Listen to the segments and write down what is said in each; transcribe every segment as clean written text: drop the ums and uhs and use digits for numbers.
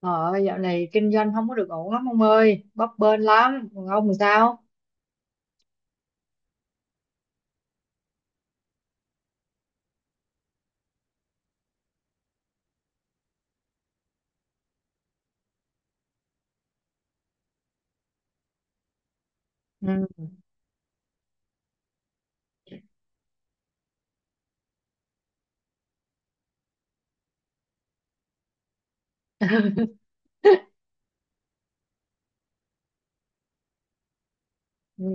Ờ, Dạo này kinh doanh không có được ổn lắm ông ơi, bấp bênh lắm. Còn ông thì sao? Ừ,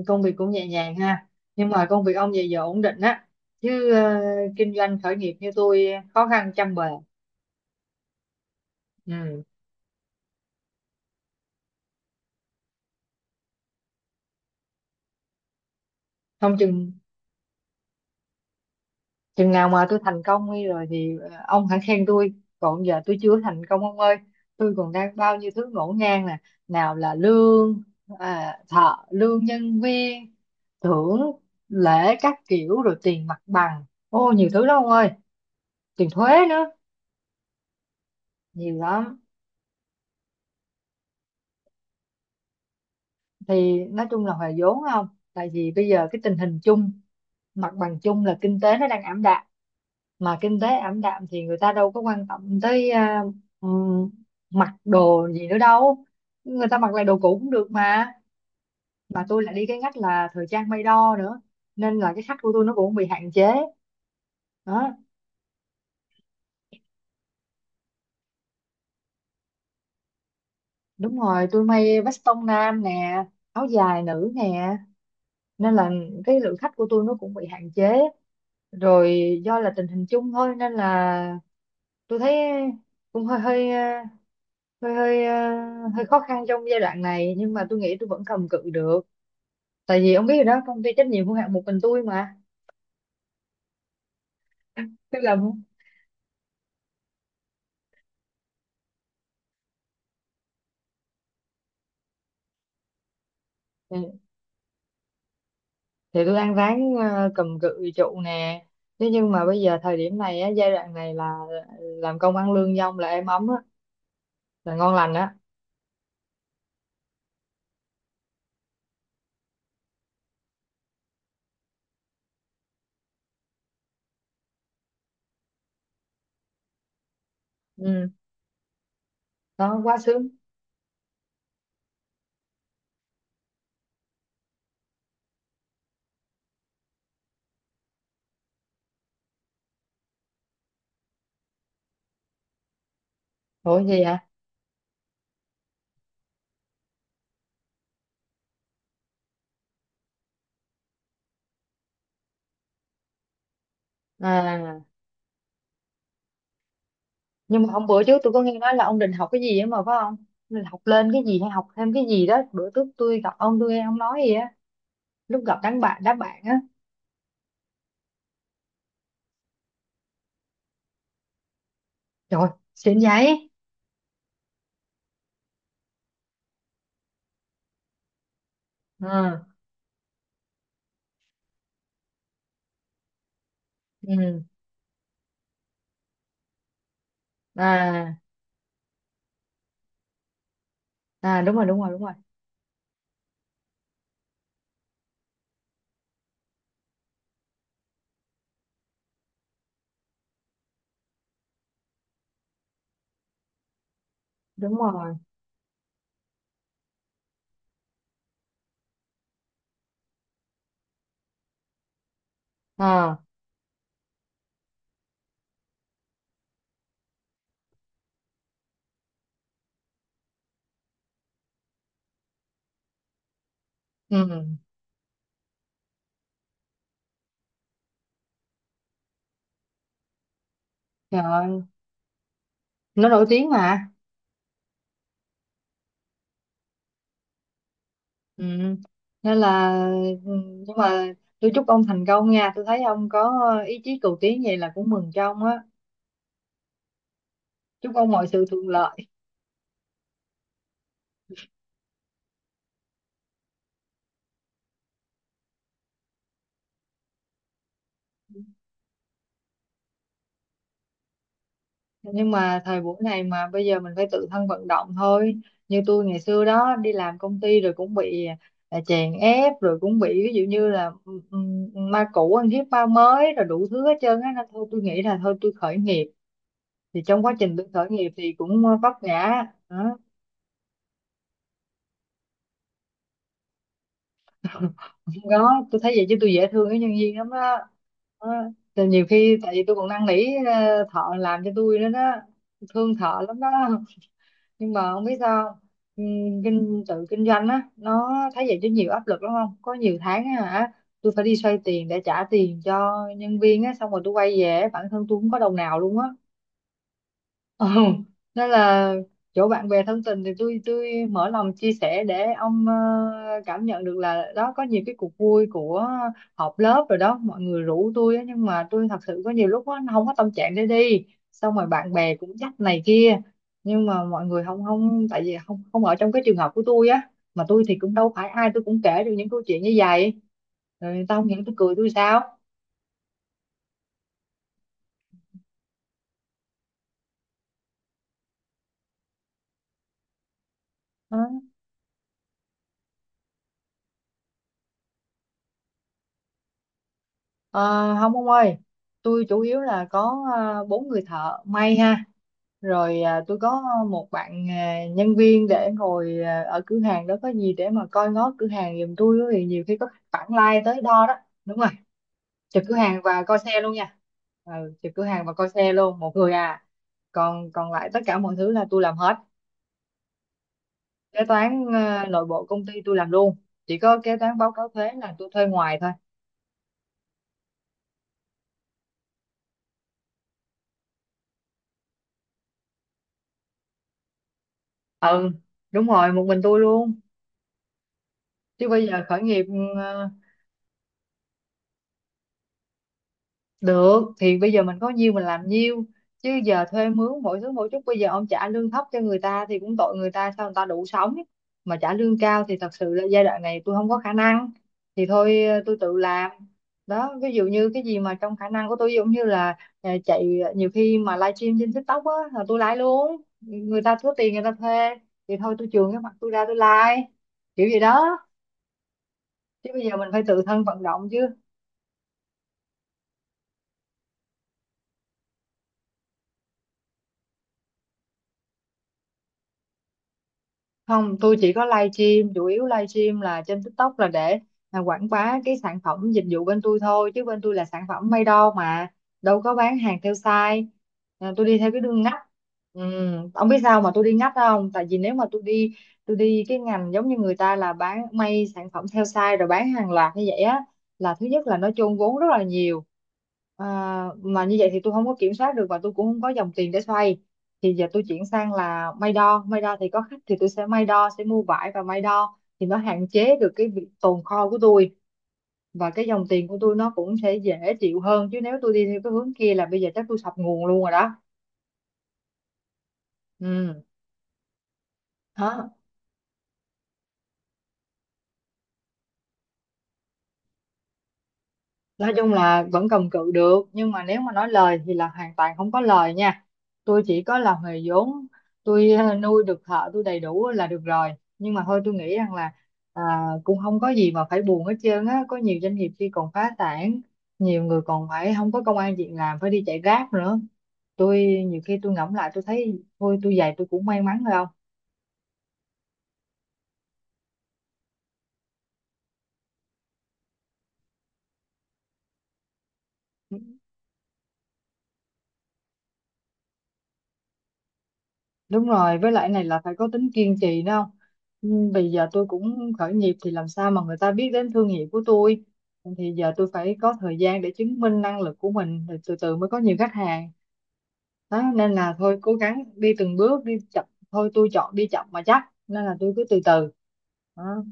công việc cũng nhẹ nhàng ha. Nhưng mà công việc ông vậy giờ ổn định á. Chứ kinh doanh khởi nghiệp như tôi khó khăn trăm bề. Ừ. Không chừng chừng nào mà tôi thành công đi rồi thì ông hãy khen tôi. Còn giờ tôi chưa thành công ông ơi. Tôi còn đang bao nhiêu thứ ngổn ngang nè. Nào là lương, thợ, lương nhân viên, thưởng, lễ các kiểu rồi tiền mặt bằng. Ô nhiều thứ lắm ông ơi. Tiền thuế nữa, nhiều lắm. Thì nói chung là hòa vốn, không tại vì bây giờ cái tình hình chung, mặt bằng chung là kinh tế nó đang ảm đạm. Mà kinh tế ảm đạm thì người ta đâu có quan tâm tới ừm, mặc đồ gì nữa đâu, người ta mặc lại đồ cũ cũng được Mà tôi lại đi cái ngách là thời trang may đo nữa nên là cái khách của tôi nó cũng bị hạn chế đó. Đúng rồi, tôi may veston nam nè, áo dài nữ nè, nên là cái lượng khách của tôi nó cũng bị hạn chế, rồi do là tình hình chung thôi. Nên là tôi thấy cũng hơi hơi ờ, hơi hơi ờ, hơi khó khăn trong giai đoạn này, nhưng mà tôi nghĩ tôi vẫn cầm cự được. Tại vì ông biết rồi đó, công ty trách nhiệm hữu hạn một mình tôi mà, tôi làm không. Thì, thì tôi ăn ván, cầm cự trụ nè. Thế nhưng mà bây giờ thời điểm này á, giai đoạn này là làm công ăn lương dong là êm ấm á, là ngon lành á. Ừ. Đó, quá sướng. Ủa, gì hả? À, nhưng mà hôm bữa trước tôi có nghe nói là ông định học cái gì ấy mà, phải không? Ông định học lên cái gì hay học thêm cái gì đó? Bữa trước tôi gặp ông tôi nghe ông nói gì á, lúc gặp đám bạn á. Trời, xịn vậy. Ừ. Ừ. À. À, đúng rồi, đúng rồi, đúng rồi, đúng rồi. À. Ừ. Trời ơi, nó nổi tiếng mà. Ừ, nên là. Ừ, nhưng mà tôi chúc ông thành công nha, tôi thấy ông có ý chí cầu tiến vậy là cũng mừng cho ông á. Chúc ông mọi sự thuận lợi. Nhưng mà thời buổi này mà bây giờ mình phải tự thân vận động thôi. Như tôi ngày xưa đó đi làm công ty rồi cũng bị chèn ép, rồi cũng bị ví dụ như là ma cũ ăn hiếp ma mới rồi đủ thứ hết trơn á, nên thôi tôi nghĩ là thôi tôi khởi nghiệp. Thì trong quá trình tôi khởi nghiệp thì cũng vấp ngã đó. Không có, tôi thấy vậy chứ tôi dễ thương cái nhân viên lắm đó, đó. Thì nhiều khi tại vì tôi còn năn nỉ thợ làm cho tôi nữa đó, thương thợ lắm đó. Nhưng mà không biết sao không? Tự kinh doanh á, nó thấy vậy chứ nhiều áp lực lắm, không có, nhiều tháng á hả, tôi phải đi xoay tiền để trả tiền cho nhân viên á, xong rồi tôi quay về bản thân tôi không có đồng nào luôn á. Ừ. Nên là chỗ bạn bè thân tình thì tôi mở lòng chia sẻ để ông cảm nhận được là đó, có nhiều cái cuộc vui của họp lớp rồi đó, mọi người rủ tôi á, nhưng mà tôi thật sự có nhiều lúc á, không có tâm trạng để đi, xong rồi bạn bè cũng dắt này kia. Nhưng mà mọi người không không tại vì không không ở trong cái trường hợp của tôi á, mà tôi thì cũng đâu phải ai tôi cũng kể được những câu chuyện như vậy, rồi người ta không, những tôi cười tôi sao. Ờ, không ông ơi, tôi chủ yếu là có bốn người thợ may ha, rồi tôi có một bạn nhân viên để ngồi ở cửa hàng đó, có gì để mà coi ngó cửa hàng giùm tôi á, thì nhiều khi có khách vãng lai tới đo đó. Đúng rồi, trực cửa hàng và coi xe luôn nha. Ừ, trực cửa hàng và coi xe luôn một người à. Còn còn lại tất cả mọi thứ là tôi làm hết, kế toán nội bộ công ty tôi làm luôn, chỉ có kế toán báo cáo thuế là tôi thuê ngoài thôi. Ừ, đúng rồi, một mình tôi luôn. Chứ bây giờ khởi nghiệp, ờ, được thì bây giờ mình có nhiêu mình làm nhiêu, chứ giờ thuê mướn mỗi thứ mỗi chút, bây giờ ông trả lương thấp cho người ta thì cũng tội người ta, sao người ta đủ sống, mà trả lương cao thì thật sự là giai đoạn này tôi không có khả năng. Thì thôi tôi tự làm đó. Ví dụ như cái gì mà trong khả năng của tôi, ví dụ như là chạy nhiều khi mà livestream trên TikTok á là tôi lái luôn, người ta thiếu tiền người ta thuê thì thôi tôi chường cái mặt tôi ra tôi like kiểu gì đó. Chứ bây giờ mình phải tự thân vận động chứ. Không, tôi chỉ có live stream, chủ yếu live stream là trên TikTok là để quảng bá cái sản phẩm dịch vụ bên tôi thôi, chứ bên tôi là sản phẩm may đo mà, đâu có bán hàng theo size. À, tôi đi theo cái đường ngách. Ừ, ông biết sao mà tôi đi ngách không? Tại vì nếu mà tôi đi cái ngành giống như người ta là bán may sản phẩm theo size rồi bán hàng loạt như vậy á, là thứ nhất là nó chôn vốn rất là nhiều. à, mà như vậy thì tôi không có kiểm soát được, và tôi cũng không có dòng tiền để xoay. Thì giờ tôi chuyển sang là may đo, may đo thì có khách thì tôi sẽ may đo, sẽ mua vải và may đo thì nó hạn chế được cái việc tồn kho của tôi, và cái dòng tiền của tôi nó cũng sẽ dễ chịu hơn. Chứ nếu tôi đi theo cái hướng kia là bây giờ chắc tôi sập nguồn luôn rồi đó. Ừ, đó. Nói chung là vẫn cầm cự được, nhưng mà nếu mà nói lời thì là hoàn toàn không có lời nha. Tôi chỉ có làm nghề vốn, tôi nuôi được thợ tôi đầy đủ là được rồi. Nhưng mà thôi tôi nghĩ rằng là à, cũng không có gì mà phải buồn hết trơn á, có nhiều doanh nghiệp khi còn phá sản, nhiều người còn phải không có công ăn việc làm phải đi chạy Grab nữa. Tôi nhiều khi tôi ngẫm lại tôi thấy thôi, tôi về tôi cũng may mắn rồi. Không. Đúng rồi, với lại này là phải có tính kiên trì đó, không? Ừ, vì giờ tôi cũng khởi nghiệp thì làm sao mà người ta biết đến thương hiệu của tôi. Thì giờ tôi phải có thời gian để chứng minh năng lực của mình rồi từ từ mới có nhiều khách hàng. Đó, nên là thôi cố gắng đi từng bước, đi chậm thôi, tôi chọn đi chậm mà chắc, nên là tôi cứ từ từ. Đó.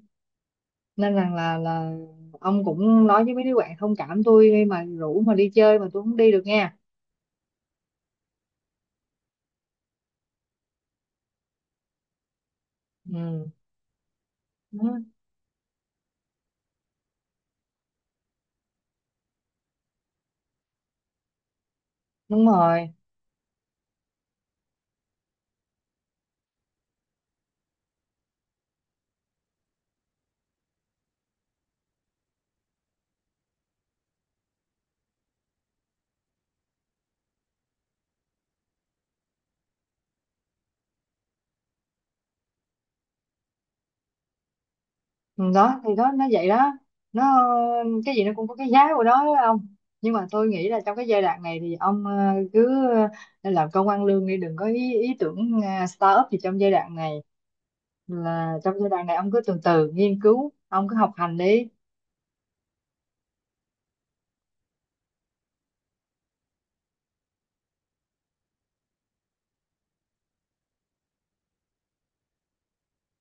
Nên rằng là ông cũng nói với mấy đứa bạn thông cảm tôi đi, mà rủ mà đi chơi mà tôi không đi được nha. Ừ. Đó. Đúng rồi. Ừ, đó thì đó nó vậy đó, nó, cái gì nó cũng có cái giá của nó đó ông. Nhưng mà tôi nghĩ là trong cái giai đoạn này thì ông cứ làm công ăn lương đi, đừng có ý tưởng start up gì trong giai đoạn này. Là trong giai đoạn này ông cứ từ từ nghiên cứu, ông cứ học hành đi.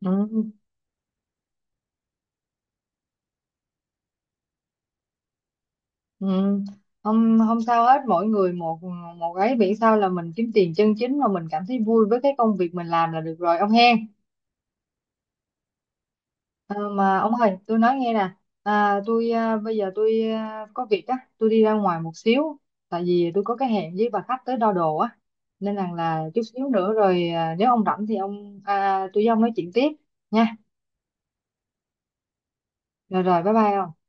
Ừ. Ừ. không không sao hết, mỗi người một một ấy, miễn sao là mình kiếm tiền chân chính mà mình cảm thấy vui với cái công việc mình làm là được rồi ông hen. Ờ, mà ông ơi, tôi nói nghe nè, tôi, bây giờ tôi có việc á, tôi đi ra ngoài một xíu, tại vì tôi có cái hẹn với bà khách tới đo đồ á, nên rằng là chút xíu nữa rồi nếu ông rảnh thì ông, tôi với ông nói chuyện tiếp nha. Rồi rồi, bye bye ông.